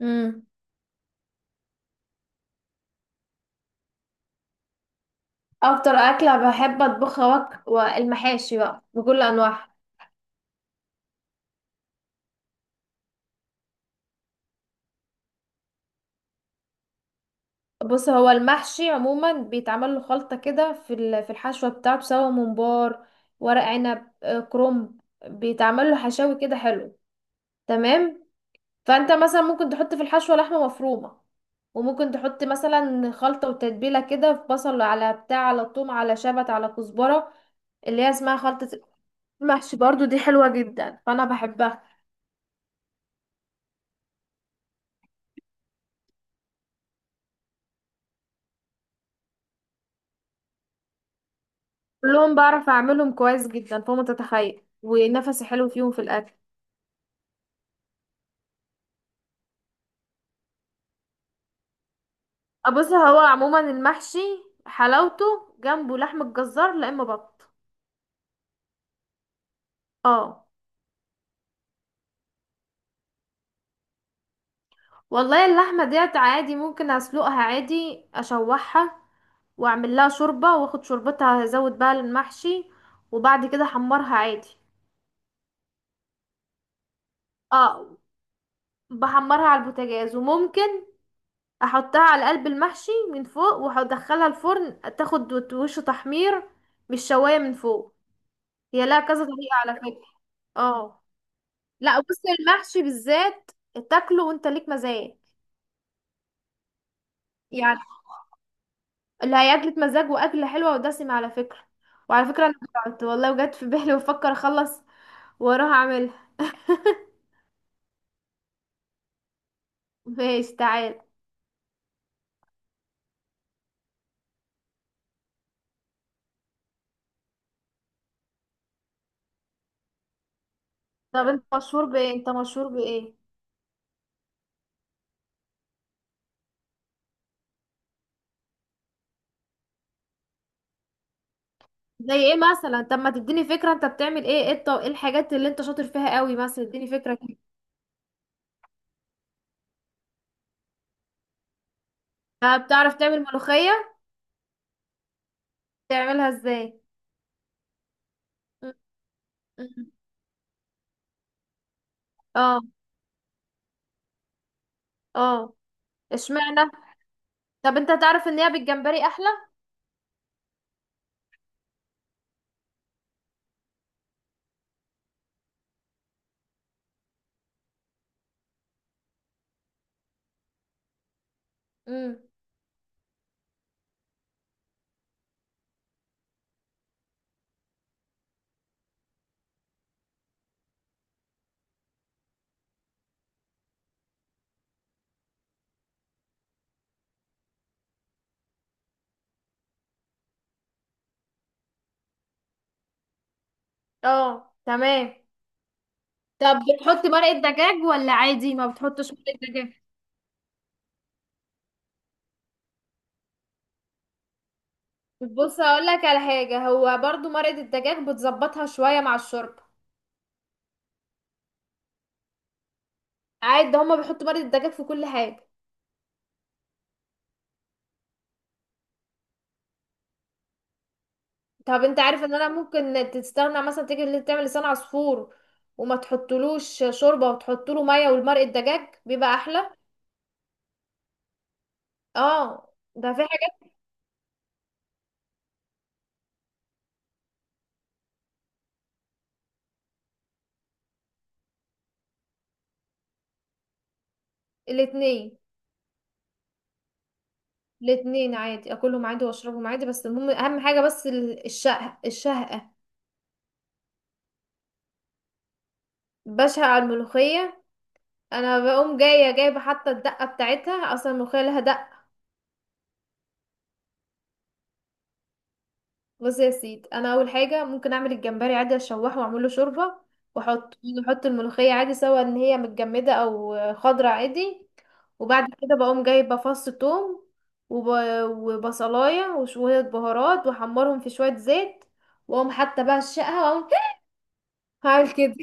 امم اكتر اكله بحب اطبخها والمحاشي بقى بكل انواعها. بص، هو المحشي عموما بيتعمل له خلطه كده في الحشوه بتاعته، سواء ممبار، ورق عنب، كرنب. بيتعمل له حشاوي كده حلو تمام. فانت مثلا ممكن تحط في الحشوه لحمه مفرومه، وممكن تحط مثلا خلطه وتتبيله كده، في بصل على بتاع، على ثوم، على شبت، على كزبره، اللي هي اسمها خلطه المحشي. برضو دي حلوه جدا فانا بحبها. كلهم بعرف اعملهم كويس جدا فوق ما تتخيل، ونفسي حلو فيهم في الاكل. بص، هو عموما المحشي، حلاوته جنبه لحمة جزار لا اما بط. اه. والله اللحمة ديت عادي، ممكن اسلقها عادي، اشوحها، واعمل لها شوربة، واخد شوربتها ازود بقى المحشي، وبعد كده احمرها عادي. اه، بحمرها على البوتاجاز، وممكن احطها على قلب المحشي من فوق وادخلها الفرن تاخد وش تحمير، مش شواية من فوق. هي لها كذا طريقة على فكرة. اه. لا بص، المحشي بالذات تاكله وانت ليك مزاج. يعني اللي هي أكلة مزاج وأكلة حلوة ودسمة على فكرة. وعلى فكرة أنا جعت والله، وجت في بالي وأفكر أخلص وأروح أعملها. ماشي، تعال. طب أنت مشهور بإيه؟ أنت مشهور بإيه؟ زي إيه مثلا؟ طب ما تديني فكرة أنت بتعمل إيه؟ إيه إيه الحاجات اللي أنت شاطر فيها قوي مثلا؟ اديني فكرة كده. بتعرف تعمل ملوخية؟ تعملها إزاي؟ م- م- اه. اه. اشمعنى؟ طب انت تعرف ان هي بالجمبري احلى. امم. اه تمام. طب بتحط مرقة دجاج ولا عادي ما بتحطش مرقة دجاج؟ بص، هقول لك على حاجه، هو برضو مرقه الدجاج بتظبطها شويه مع الشوربه. عادي، ده هما بيحطوا مرقه الدجاج في كل حاجه. طب انت عارف ان انا ممكن تستغنى، مثلا تيجي اللي تعمل لسان عصفور وما تحطلوش شوربه، وتحطله ميه والمرقه الدجاج، بيبقى احلى. اه. ده في حاجات. الاتنين. الاتنين عادي، اكلهم عادي واشربهم عادي، بس المهم اهم حاجه بس الشهقه. بشهق على الملوخيه. انا بقوم جايه جايبه حتى الدقه بتاعتها، اصلا الملوخيه لها دقه. بص يا سيدي، انا اول حاجه ممكن اعمل الجمبري عادي، اشوحه واعمل له شوربه، واحط، احط الملوخيه عادي سواء ان هي متجمده او خضره عادي. وبعد كده بقوم جايبه فص ثوم وب... وبصلايه وشويه بهارات، واحمرهم في شويه زيت، واقوم حتى بقى الشقه واقوم. هعمل كده.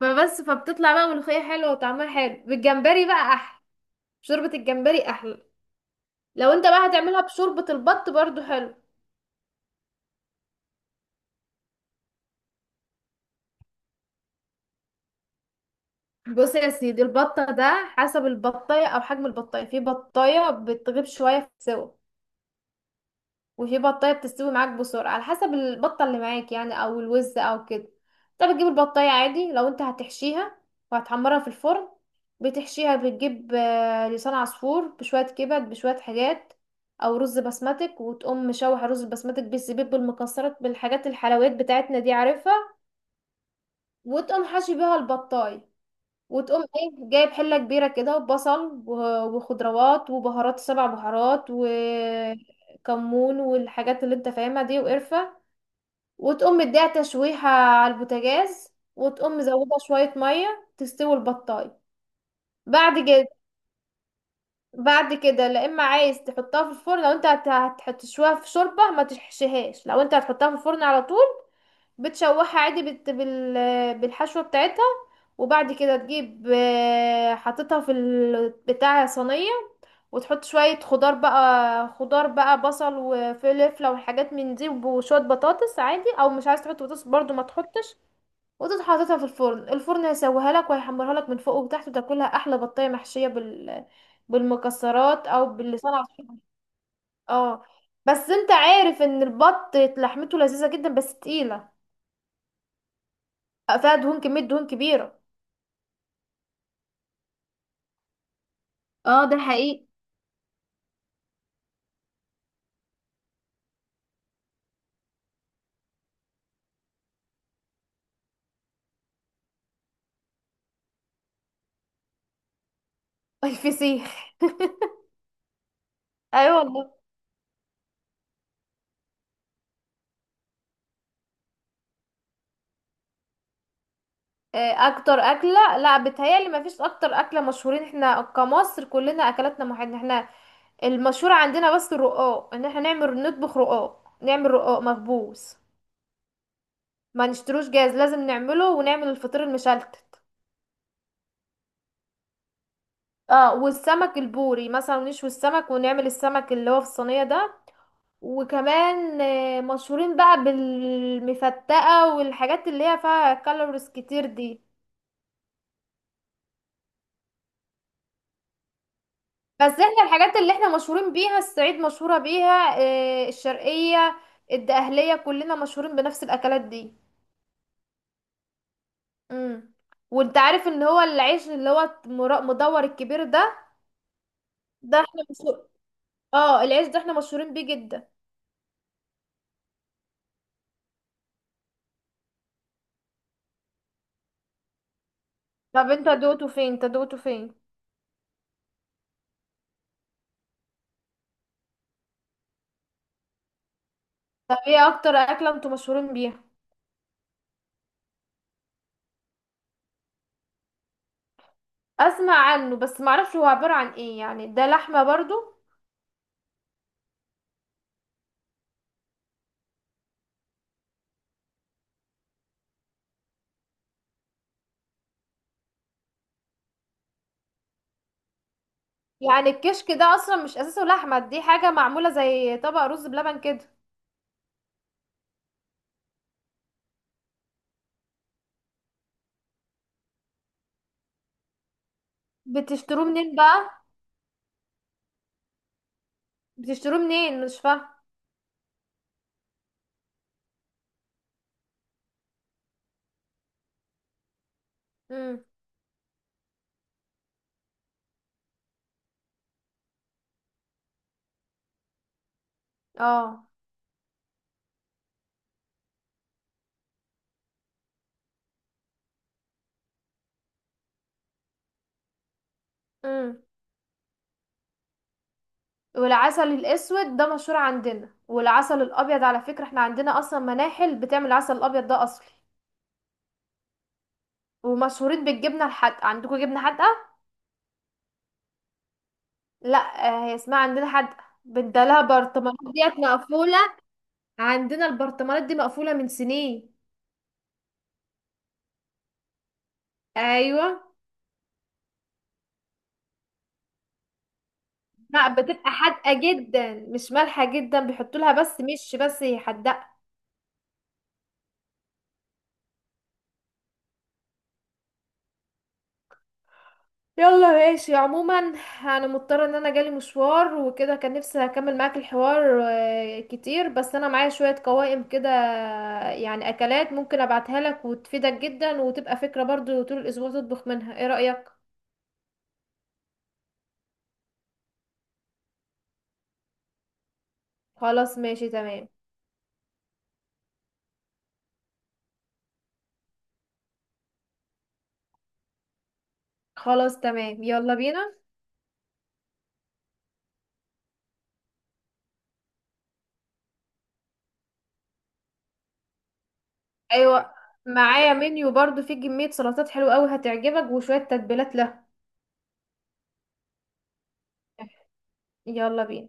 فبس، فبتطلع بقى ملوخية حلوة وطعمها حلو، بالجمبري بقى أحلى، شوربة الجمبري أحلى. لو انت بقى هتعملها بشوربة البط برضو حلو. بص يا سيدي، البطة ده حسب البطاية أو حجم البطاية، في بطاية بتغيب شوية في السوا، وفي بطايه بتستوي معاك بسرعه، على حسب البطه اللي معاك يعني، او الوز او كده. انت بتجيب البطايه عادي، لو انت هتحشيها وهتحمرها في الفرن، بتحشيها بتجيب لسان عصفور بشويه كبد بشويه حاجات، او رز بسمتك، وتقوم مشوح رز بسمتك بالزبيب بالمكسرات بالحاجات الحلويات بتاعتنا دي عارفها، وتقوم حاشي بيها البطايه. وتقوم ايه، جايب حلة كبيرة كده وخضروات وبهارات، سبع بهارات وكمون والحاجات اللي انت فاهمها دي، وقرفة، وتقوم مديها تشويحة على البوتاجاز، وتقوم مزودة شوية مية تستوي البطاية. بعد كده، بعد كده لا اما عايز تحطها في الفرن، لو انت هتشويها في شوربة ما تشحشهاش، لو انت هتحطها في الفرن على طول بتشوحها عادي بالحشوة بتاعتها، وبعد كده تجيب حطيتها في البتاع صينية، وتحط شوية خضار بقى، خضار بقى، بصل وفلفلة وحاجات من دي، وشوية بطاطس عادي، او مش عايز تحط بطاطس برضو ما تحطش، وتروح حاططها في الفرن. الفرن هيسويها لك وهيحمرها لك من فوق وتحت، وتاكلها احلى بطايه محشيه بالمكسرات او باللسان على الحب. اه. بس انت عارف ان البط لحمته لذيذه جدا، بس تقيله، فيها دهون، كمية دهون كبيرة. اه، ده حقيقي. الفسيخ. ايوه والله. اكتر اكله، لا بتهيالي ما فيش اكتر اكله مشهورين، احنا كمصر كلنا اكلاتنا محدده. احنا المشهور عندنا بس الرقاق، ان احنا نعمل نطبخ رقاق، نعمل رقاق مخبوز، ما نشتروش جاهز، لازم نعمله، ونعمل الفطير المشلتت. اه، والسمك البوري مثلا، نشوي السمك ونعمل السمك اللي هو في الصينيه ده. وكمان مشهورين بقى بالمفتقه، والحاجات اللي هي فيها كالوريز كتير دي. بس احنا الحاجات اللي احنا مشهورين بيها، الصعيد مشهورة بيها، الشرقية، الدقهلية، كلنا مشهورين بنفس الأكلات دي. امم. وانت عارف ان هو العيش اللي هو مدور الكبير ده، ده احنا مشهور، اه، العيش ده احنا مشهورين بيه جدا. طب انت دوقته فين؟ انت دوقته فين؟ طب ايه اكتر أكلة انتوا مشهورين بيها؟ اسمع عنه بس معرفش هو عبارة عن ايه، يعني ده لحمة برضو؟ يعني الكشك ده اصلا مش اساسه لحمة، دي حاجة معمولة زي طبق رز بلبن كده؟ بتشتروه منين بقى؟ بتشتروه منين؟ مش فاهمه. امم. اه. امم. والعسل الاسود ده مشهور عندنا، والعسل الابيض على فكره احنا عندنا اصلا مناحل بتعمل العسل الابيض ده اصلي. ومشهورين بالجبنه الحادقه، عندكم جبنه حادقه؟ لا، هي اسمها عندنا حادقه، بدلها برطمانات ديت مقفوله. عندنا البرطمانات دي مقفوله من سنين. ايوه. لا، بتبقى حادقه جدا مش مالحه جدا، بيحطوا لها بس، مش بس، هي حادقه. يلا ماشي، عموما انا مضطره ان انا جالي مشوار وكده، كان نفسي اكمل معاك الحوار كتير، بس انا معايا شويه قوائم كده، يعني اكلات ممكن ابعتها لك وتفيدك جدا، وتبقى فكره برضو طول الاسبوع تطبخ منها، ايه رايك؟ خلاص ماشي تمام. خلاص تمام، يلا بينا. ايوه، معايا منيو برضو فيه كميه سلطات حلوه قوي هتعجبك، وشويه تتبيلات لها. يلا بينا.